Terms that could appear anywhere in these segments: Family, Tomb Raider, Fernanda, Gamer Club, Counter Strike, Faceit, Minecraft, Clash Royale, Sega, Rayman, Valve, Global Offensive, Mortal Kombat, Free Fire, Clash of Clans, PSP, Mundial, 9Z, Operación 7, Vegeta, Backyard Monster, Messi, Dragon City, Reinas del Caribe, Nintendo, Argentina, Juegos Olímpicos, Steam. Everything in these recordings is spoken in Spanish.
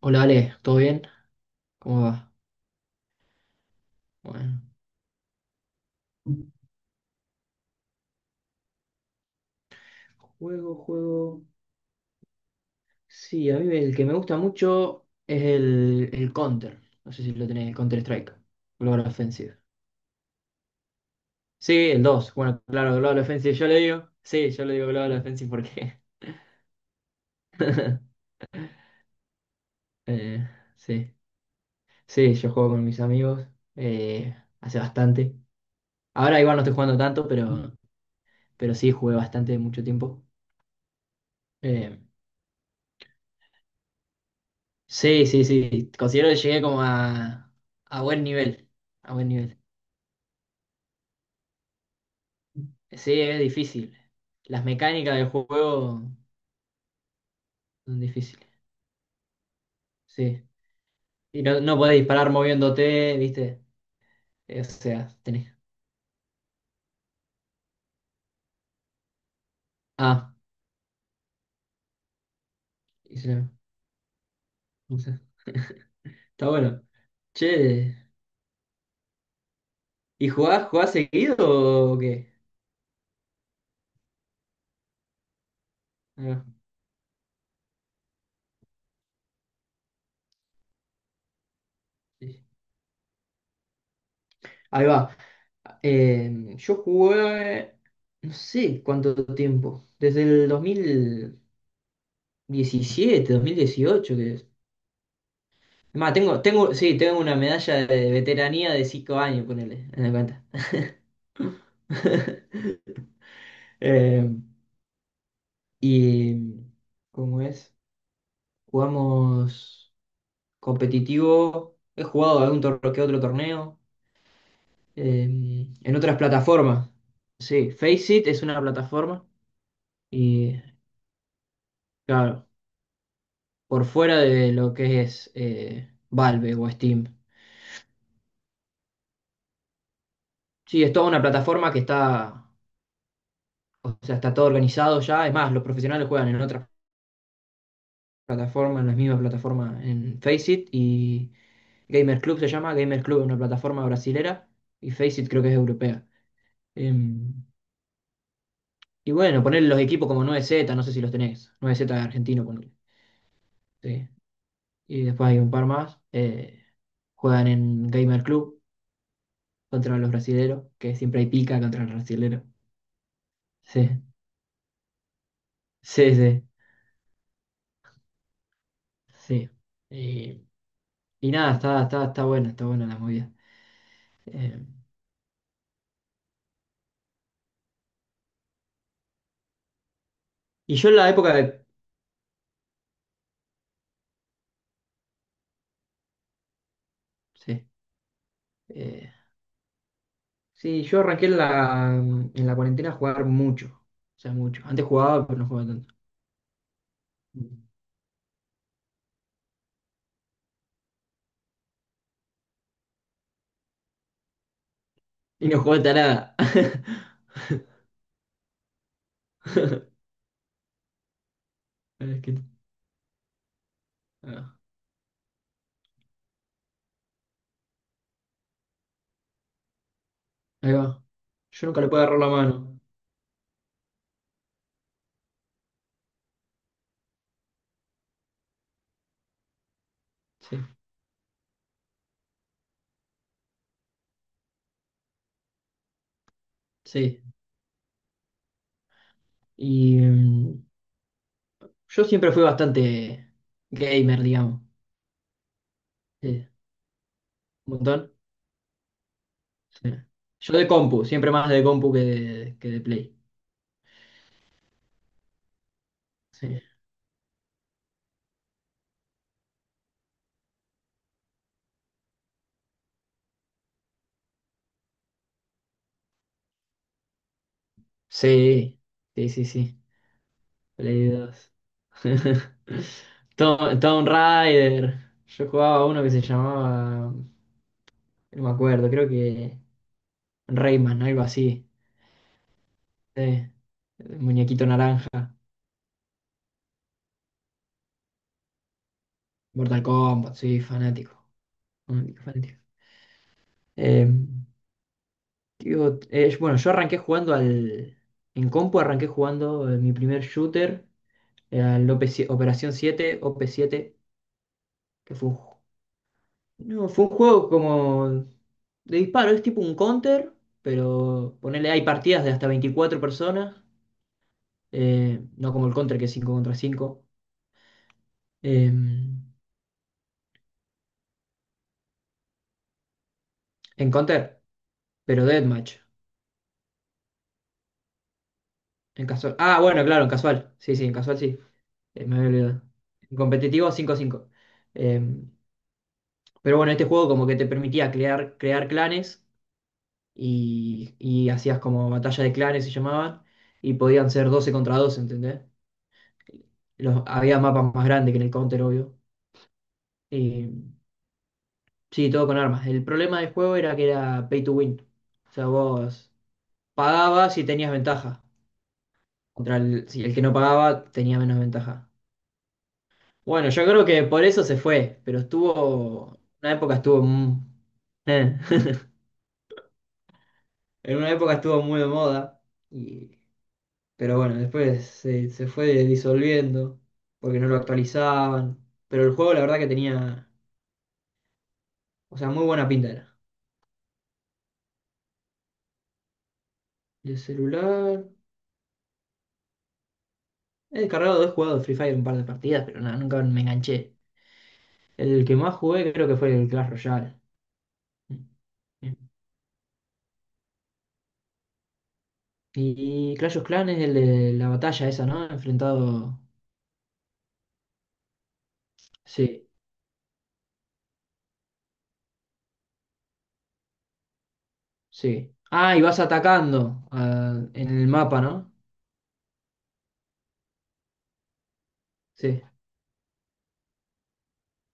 Hola Ale, ¿todo bien? ¿Cómo va? Bueno, juego, juego. Sí, a mí el que me gusta mucho es el Counter. No sé si lo tenés, el Counter Strike. Global Offensive. Sí, el dos. Bueno, claro, Global Offensive yo le digo. Sí, yo le digo Global Offensive porque. eh, sí. Sí, yo juego con mis amigos eh, hace bastante. Ahora igual no estoy jugando tanto, pero sí jugué bastante mucho tiempo. Eh, Sí, sí, sí. Considero que llegué como a buen nivel. A buen nivel. Sí, es difícil. Las mecánicas del juego son difíciles. Sí. Y no, no podés disparar moviéndote, ¿viste? O sea, tenés. Ah, y se la- no sé. Está bueno. Che, ¿y jugás seguido o qué? Ahí va. Sí. Ahí va. Yo jugué, no sé cuánto tiempo, desde el dos mil, 17, 2018, que es. Es más, tengo, sí, tengo una medalla de veteranía de 5 años, ponele, en la cuenta. Eh, y, ¿Cómo es? Jugamos competitivo. He jugado algún torneo que otro torneo, en otras plataformas. Sí, Faceit es una plataforma. Y, claro, por fuera de lo que es Valve o Steam. Sí, es toda una plataforma que está O sea, está todo organizado ya. Es más, los profesionales juegan en otras plataformas, en las mismas plataformas, en Faceit y Gamer Club se llama. Gamer Club es una plataforma brasilera y Faceit creo que es europea. Em, y bueno, poner los equipos como 9Z, no sé si los tenés. 9Z argentino, ponele. Sí. Y después hay un par más, juegan en Gamer Club contra los brasileros, que siempre hay pica contra los brasileros. Sí, sí, sí. Sí. Y, y nada, está buena, está buena la movida. Em, Y yo en la época de... Sí, eh, sí, yo arranqué en la cuarentena a jugar mucho. O sea, mucho. Antes jugaba, pero no jugaba tanto. Y no jugaba hasta nada. Es que- ah, ahí va. Yo nunca le puedo agarrar la mano. Sí, sí. Y yo siempre fui bastante gamer, digamos. Sí, un montón. Sí. Yo de compu, siempre más de compu que de play. Sí, sí, sí, sí, sí. Play dos. Tomb Raider. Yo jugaba uno que se llamaba, no me acuerdo. Creo que Rayman, algo así. Sí. El muñequito naranja. Mortal Kombat, sí, fanático. Fanático, fanático. Eh, Digo, bueno, yo arranqué jugando al. En compu arranqué jugando mi primer shooter, al el OP7 Operación 7, op siete, que fue un no, fue un juego como de disparo, es tipo un counter, pero ponele, hay partidas de hasta 24 personas, no como el counter que es 5 contra 5, eh, en counter, pero deathmatch. En casual. Ah, bueno, claro, en casual. Sí, sí, en casual sí. Me había olvidado. En competitivo cinco 5. Eh, pero bueno, este juego como que te permitía crear clanes y hacías como batalla de clanes se llamaban, y podían ser 12 contra 12, ¿entendés? Había mapas más grandes que en el Counter, obvio. Eh, sí, todo con armas. El problema del juego era que era pay to win. O sea, vos pagabas y tenías ventaja. Si el que no pagaba tenía menos ventaja. Bueno, yo creo que por eso se fue, pero estuvo, una época estuvo, eh. En una época estuvo muy de moda, y, pero bueno, después se fue disolviendo porque no lo actualizaban, pero el juego la verdad que tenía, o sea, muy buena pinta era. De celular. He descargado, he jugado Free Fire un par de partidas, pero nada, nunca me enganché. El que más jugué creo que fue el Clash Royale. Y Clash of Clans es el de la batalla esa, ¿no? Enfrentado. Sí, sí. Ah, y vas atacando, en el mapa, ¿no? Sí,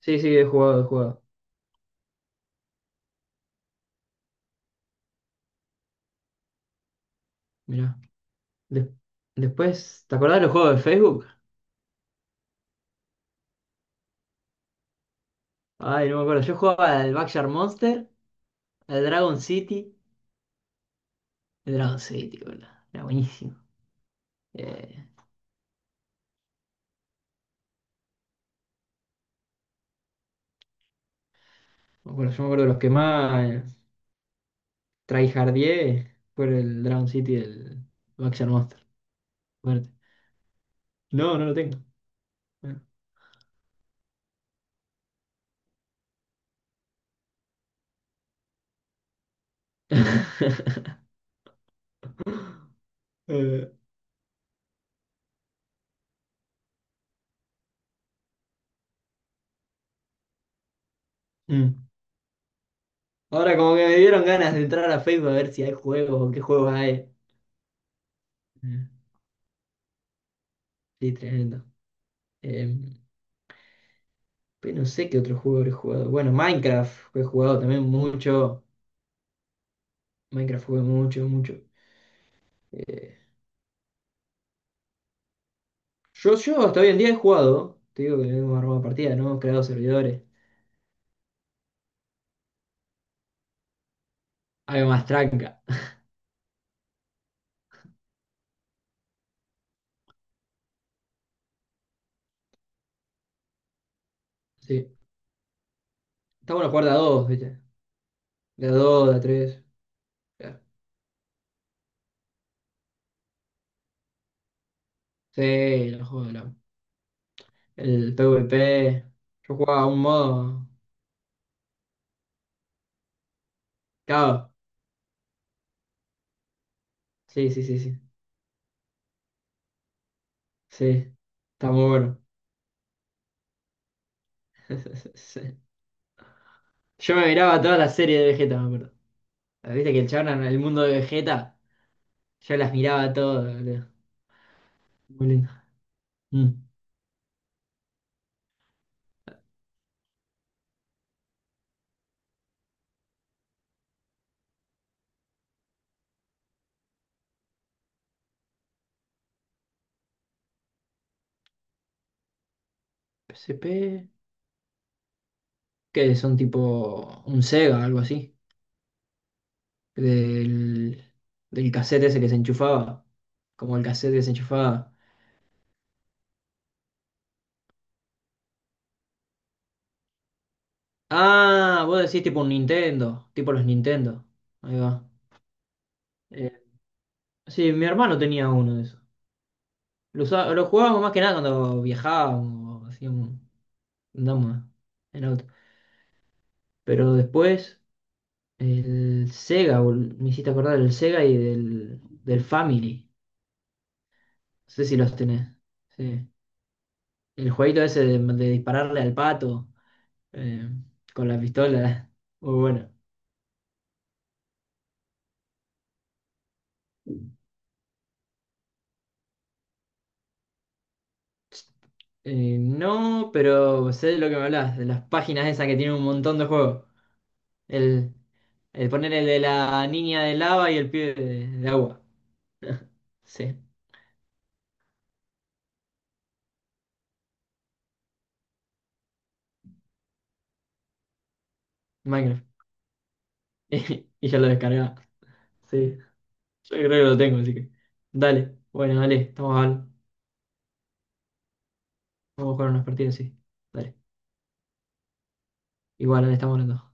sí, sí, he jugado, he jugado. Mirá. De- después, ¿te acordás de los juegos de Facebook? Ay, no me acuerdo. Yo jugaba al Backyard Monster, al Dragon City. El Dragon City, boludo. Era buenísimo. Eh, Bueno, yo me acuerdo de los que más tryhardié fue el Drown City del Vaxxer Monster. Fuerte. No, no lo tengo. Bueno. Eh, mm. Ahora como que me dieron ganas de entrar a Facebook a ver si hay juegos o qué juegos hay. Eh, Sí, tremendo. Eh, pero no sé qué otro juego he jugado. Bueno, Minecraft he jugado también mucho. Minecraft jugué mucho, mucho. Eh, yo hasta hoy en día he jugado. Te digo que hemos armado partidas, ¿no? Hemos creado servidores. Algo más tranca. Sí. Está bueno jugar de a dos, ¿viste? De a dos, de a tres. Claro. Sí, los juegos, el PvP. Yo jugaba un modo. Cabo. Sí, sí, sí, sí. Sí. Está muy bueno. Sí. Yo me miraba toda la serie de Vegeta, me acuerdo. Viste que el chabón, el mundo de Vegeta, yo las miraba todas, boludo. Muy lindo. Mm. PSP. Que son tipo un Sega, algo así. Del, del cassette ese que se enchufaba. Como el cassette que se enchufaba. Ah, vos decís tipo un Nintendo, tipo los Nintendo. Ahí va. Eh, sí, mi hermano tenía uno de esos. Lo jugábamos más que nada cuando viajábamos, hacíamos, andábamos en auto. Pero después, el Sega, me hiciste acordar del Sega y del Family. No sé si los tenés. Sí. El jueguito ese de dispararle al pato, eh, con la pistola. Muy bueno. No, pero sé de lo que me hablas, de las páginas esas que tienen un montón de juegos. El, el poner el de la niña de lava y el pibe de agua. Sí, Minecraft. Y, ya lo descargaba. Sí, yo creo que lo tengo, así que. Dale, bueno, dale, estamos al. Vamos a jugar unas partidas, sí. Dale, igual, dale, estamos hablando.